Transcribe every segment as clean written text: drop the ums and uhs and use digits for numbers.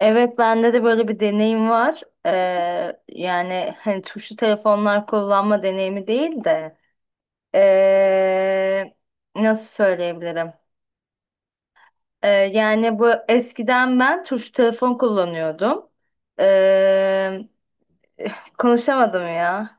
Evet bende de böyle bir deneyim var. Yani hani tuşlu telefonlar kullanma deneyimi değil de ee, nasıl söyleyebilirim? Yani bu eskiden ben tuşlu telefon kullanıyordum. Ee, Konuşamadım ya.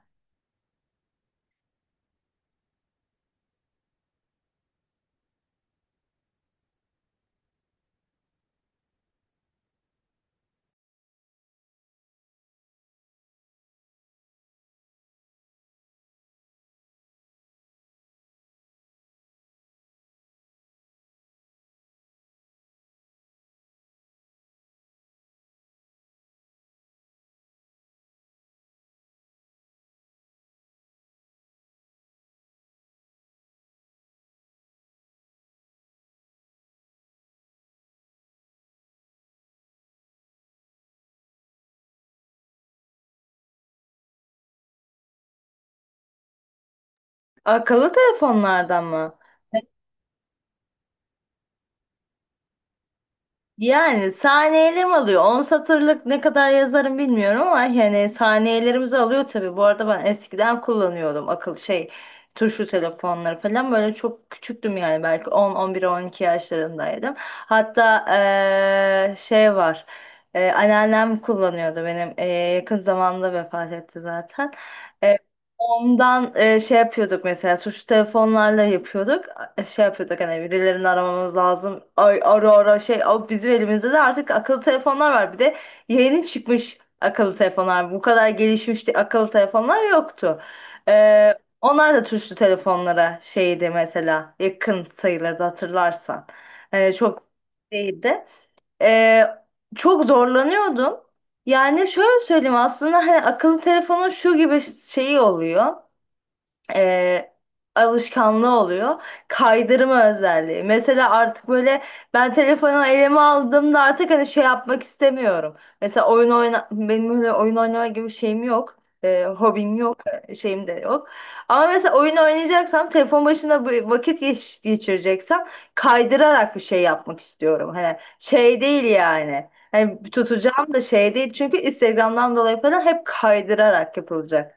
Akıllı telefonlardan mı? Yani saniyelerim alıyor. 10 satırlık ne kadar yazarım bilmiyorum ama yani saniyelerimizi alıyor tabii. Bu arada ben eskiden kullanıyordum şey tuşlu telefonları falan böyle çok küçüktüm yani belki 10, 11, 12 yaşlarındaydım. Hatta şey var anneannem kullanıyordu benim yakın zamanda vefat etti zaten. Ondan şey yapıyorduk mesela tuşlu telefonlarla yapıyorduk. Şey yapıyorduk hani birilerini aramamız lazım. Ay ara ara şey o bizim elimizde de artık akıllı telefonlar var. Bir de yeni çıkmış akıllı telefonlar. Bu kadar akıllı telefonlar yoktu. E, Onlar da tuşlu telefonlara şeydi mesela yakın sayılırdı hatırlarsan. Çok değildi. E, Çok zorlanıyordum. Yani şöyle söyleyeyim aslında hani akıllı telefonun şu gibi şeyi oluyor, e, alışkanlığı oluyor. Kaydırma özelliği. Mesela artık böyle ben telefonu elime aldığımda artık hani şey yapmak istemiyorum. Mesela oyun oyna benim öyle oyun oynama gibi bir şeyim yok. Hobim yok, şeyim de yok. Ama mesela oyun oynayacaksam, telefon başında geçireceksem kaydırarak bir şey yapmak istiyorum. Hani şey değil yani. Hani tutacağım da şey değil çünkü Instagram'dan dolayı falan hep kaydırarak yapılacak.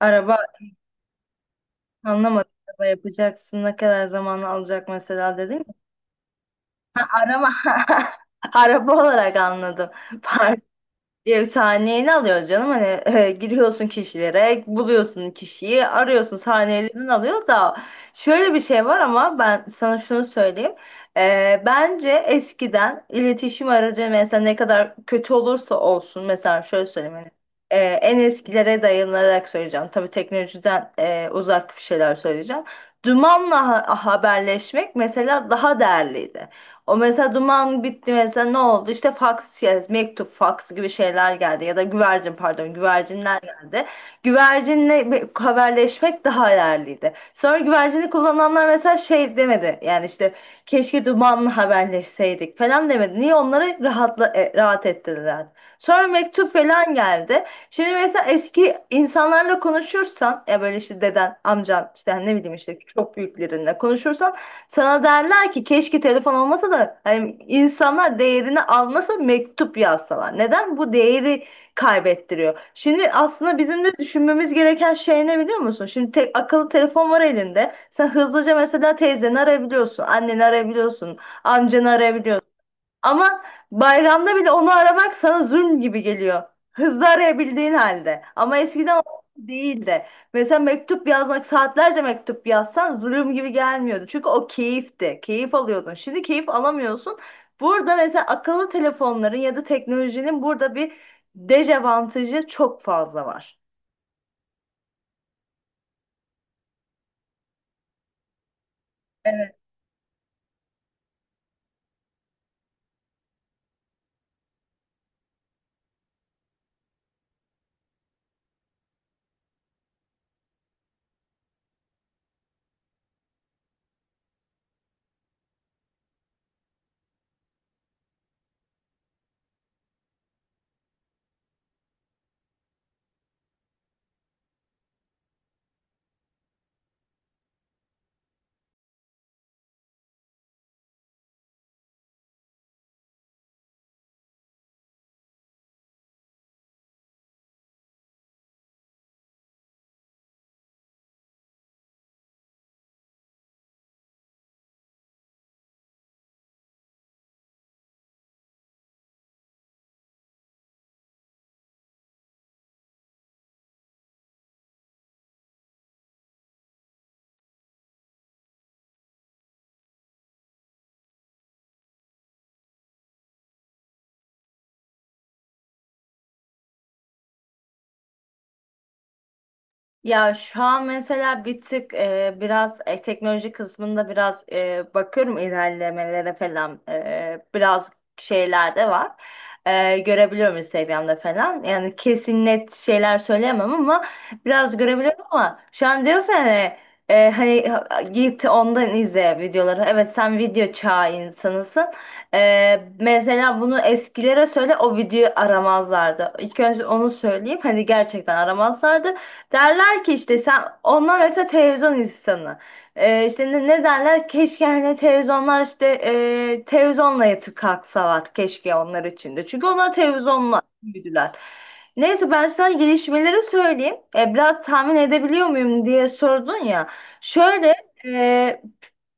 Araba. Anlamadım. Araba yapacaksın. Ne kadar zaman alacak mesela dedin. Araba. Araba olarak anladım. Pardon. Bir sahneyini alıyor canım hani giriyorsun kişilere buluyorsun kişiyi arıyorsun sahnelerini alıyor da şöyle bir şey var ama ben sana şunu söyleyeyim. Bence eskiden iletişim aracı mesela ne kadar kötü olursa olsun mesela şöyle söyleyeyim hani, en eskilere dayanarak söyleyeceğim tabii teknolojiden uzak bir şeyler söyleyeceğim, dumanla haberleşmek mesela daha değerliydi. O mesela duman bitti mesela ne oldu? İşte fax, yani mektup, fax gibi şeyler geldi ya da güvercin pardon güvercinler geldi. Güvercinle bir haberleşmek daha değerliydi. Sonra güvercini kullananlar mesela şey demedi. Yani işte keşke dumanla haberleşseydik falan demedi. Niye onları rahatla, rahat ettirdiler. Sonra mektup falan geldi. Şimdi mesela eski insanlarla konuşursan ya böyle işte deden, amcan işte hani ne bileyim işte çok büyüklerinle konuşursan sana derler ki keşke telefon olmasa da hani insanlar değerini anlasa mektup yazsalar. Neden bu değeri kaybettiriyor? Şimdi aslında bizim de düşünmemiz gereken şey ne biliyor musun? Şimdi tek akıllı telefon var elinde. Sen hızlıca mesela teyzeni arayabiliyorsun, anneni arayabiliyorsun, amcanı arayabiliyorsun. Ama bayramda bile onu aramak sana zulm gibi geliyor. Hızlı arayabildiğin halde. Ama eskiden o değildi. Mesela mektup yazmak, saatlerce mektup yazsan zulüm gibi gelmiyordu. Çünkü o keyifti. Keyif alıyordun. Şimdi keyif alamıyorsun. Burada mesela akıllı telefonların ya da teknolojinin burada bir dezavantajı çok fazla var. Ya şu an mesela bir tık biraz teknoloji kısmında biraz bakıyorum ilerlemelere falan. Biraz şeyler de var. Görebiliyorum Instagram'da falan. Yani kesin net şeyler söyleyemem ama biraz görebiliyorum ama şu an diyorsun hani hani git ondan izle videoları. Evet sen video çağı insanısın. Mesela bunu eskilere söyle o videoyu aramazlardı. İlk önce onu söyleyeyim hani gerçekten aramazlardı. Derler ki işte sen onlar mesela televizyon insanı. İşte ne, ne derler? Keşke hani televizyonlar işte televizyonla yatıp kalksalar keşke onlar için de. Çünkü onlar televizyonla büyüdüler. Neyse ben sana gelişmeleri söyleyeyim. Biraz tahmin edebiliyor muyum diye sordun ya. Şöyle, e,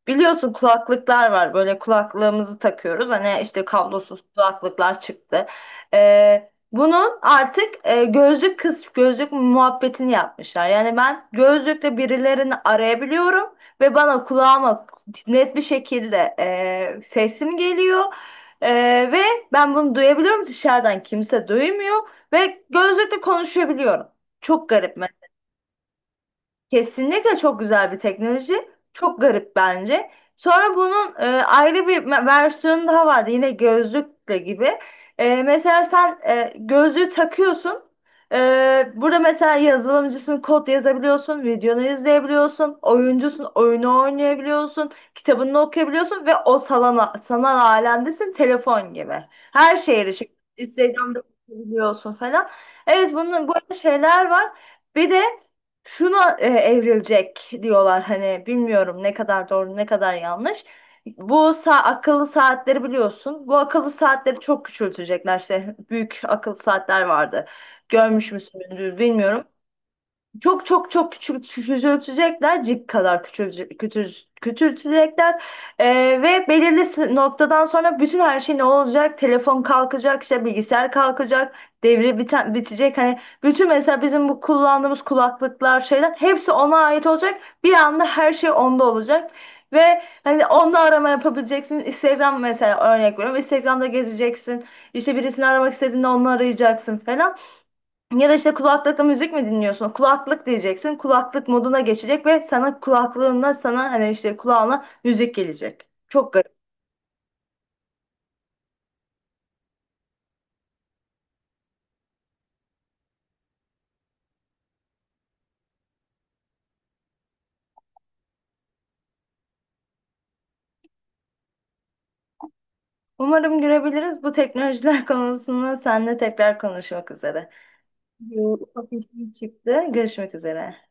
biliyorsun kulaklıklar var böyle kulaklığımızı takıyoruz hani işte kablosuz kulaklıklar çıktı. Bunun artık gözlük kız gözlük muhabbetini yapmışlar. Yani ben gözlükle birilerini arayabiliyorum ve bana kulağıma net bir şekilde sesim geliyor. E, Ve ben bunu duyabiliyorum dışarıdan kimse duymuyor ve gözlükle konuşabiliyorum. Çok garip. Kesinlikle çok güzel bir teknoloji. Çok garip bence. Sonra bunun versiyonu daha vardı. Yine gözlükle gibi. Mesela sen gözlüğü takıyorsun. E, Burada mesela yazılımcısın, kod yazabiliyorsun, videonu izleyebiliyorsun, oyuncusun, oyunu oynayabiliyorsun, kitabını okuyabiliyorsun ve o salana, sanal alemdesin telefon gibi. Her şeye erişip Instagram'da bakabiliyorsun falan. Evet bunun böyle şeyler var. Bir de şuna evrilecek diyorlar hani bilmiyorum ne kadar doğru ne kadar yanlış. Bu akıllı saatleri biliyorsun. Bu akıllı saatleri çok küçültecekler işte büyük akıllı saatler vardı. Görmüş müsün bilmiyorum. Çok çok çok küçük küçültecekler, cik kadar küçülecek, küçültecekler. Ee, Ve belirli noktadan sonra bütün her şey ne olacak? Telefon kalkacak, işte bilgisayar kalkacak, devre biten, bitecek. Hani bütün mesela bizim bu kullandığımız kulaklıklar, şeyler hepsi ona ait olacak. Bir anda her şey onda olacak. Ve hani onda arama yapabileceksin. Instagram mesela örnek veriyorum. Instagram'da gezeceksin. İşte birisini aramak istediğinde onu arayacaksın falan. Ya da işte kulaklıkla müzik mi dinliyorsun? Kulaklık diyeceksin. Kulaklık moduna geçecek ve sana kulaklığında sana hani işte kulağına müzik gelecek. Çok garip. Umarım görebiliriz. Bu teknolojiler konusunda seninle tekrar konuşmak üzere. Bir ufak işim çıktı. Görüşmek üzere.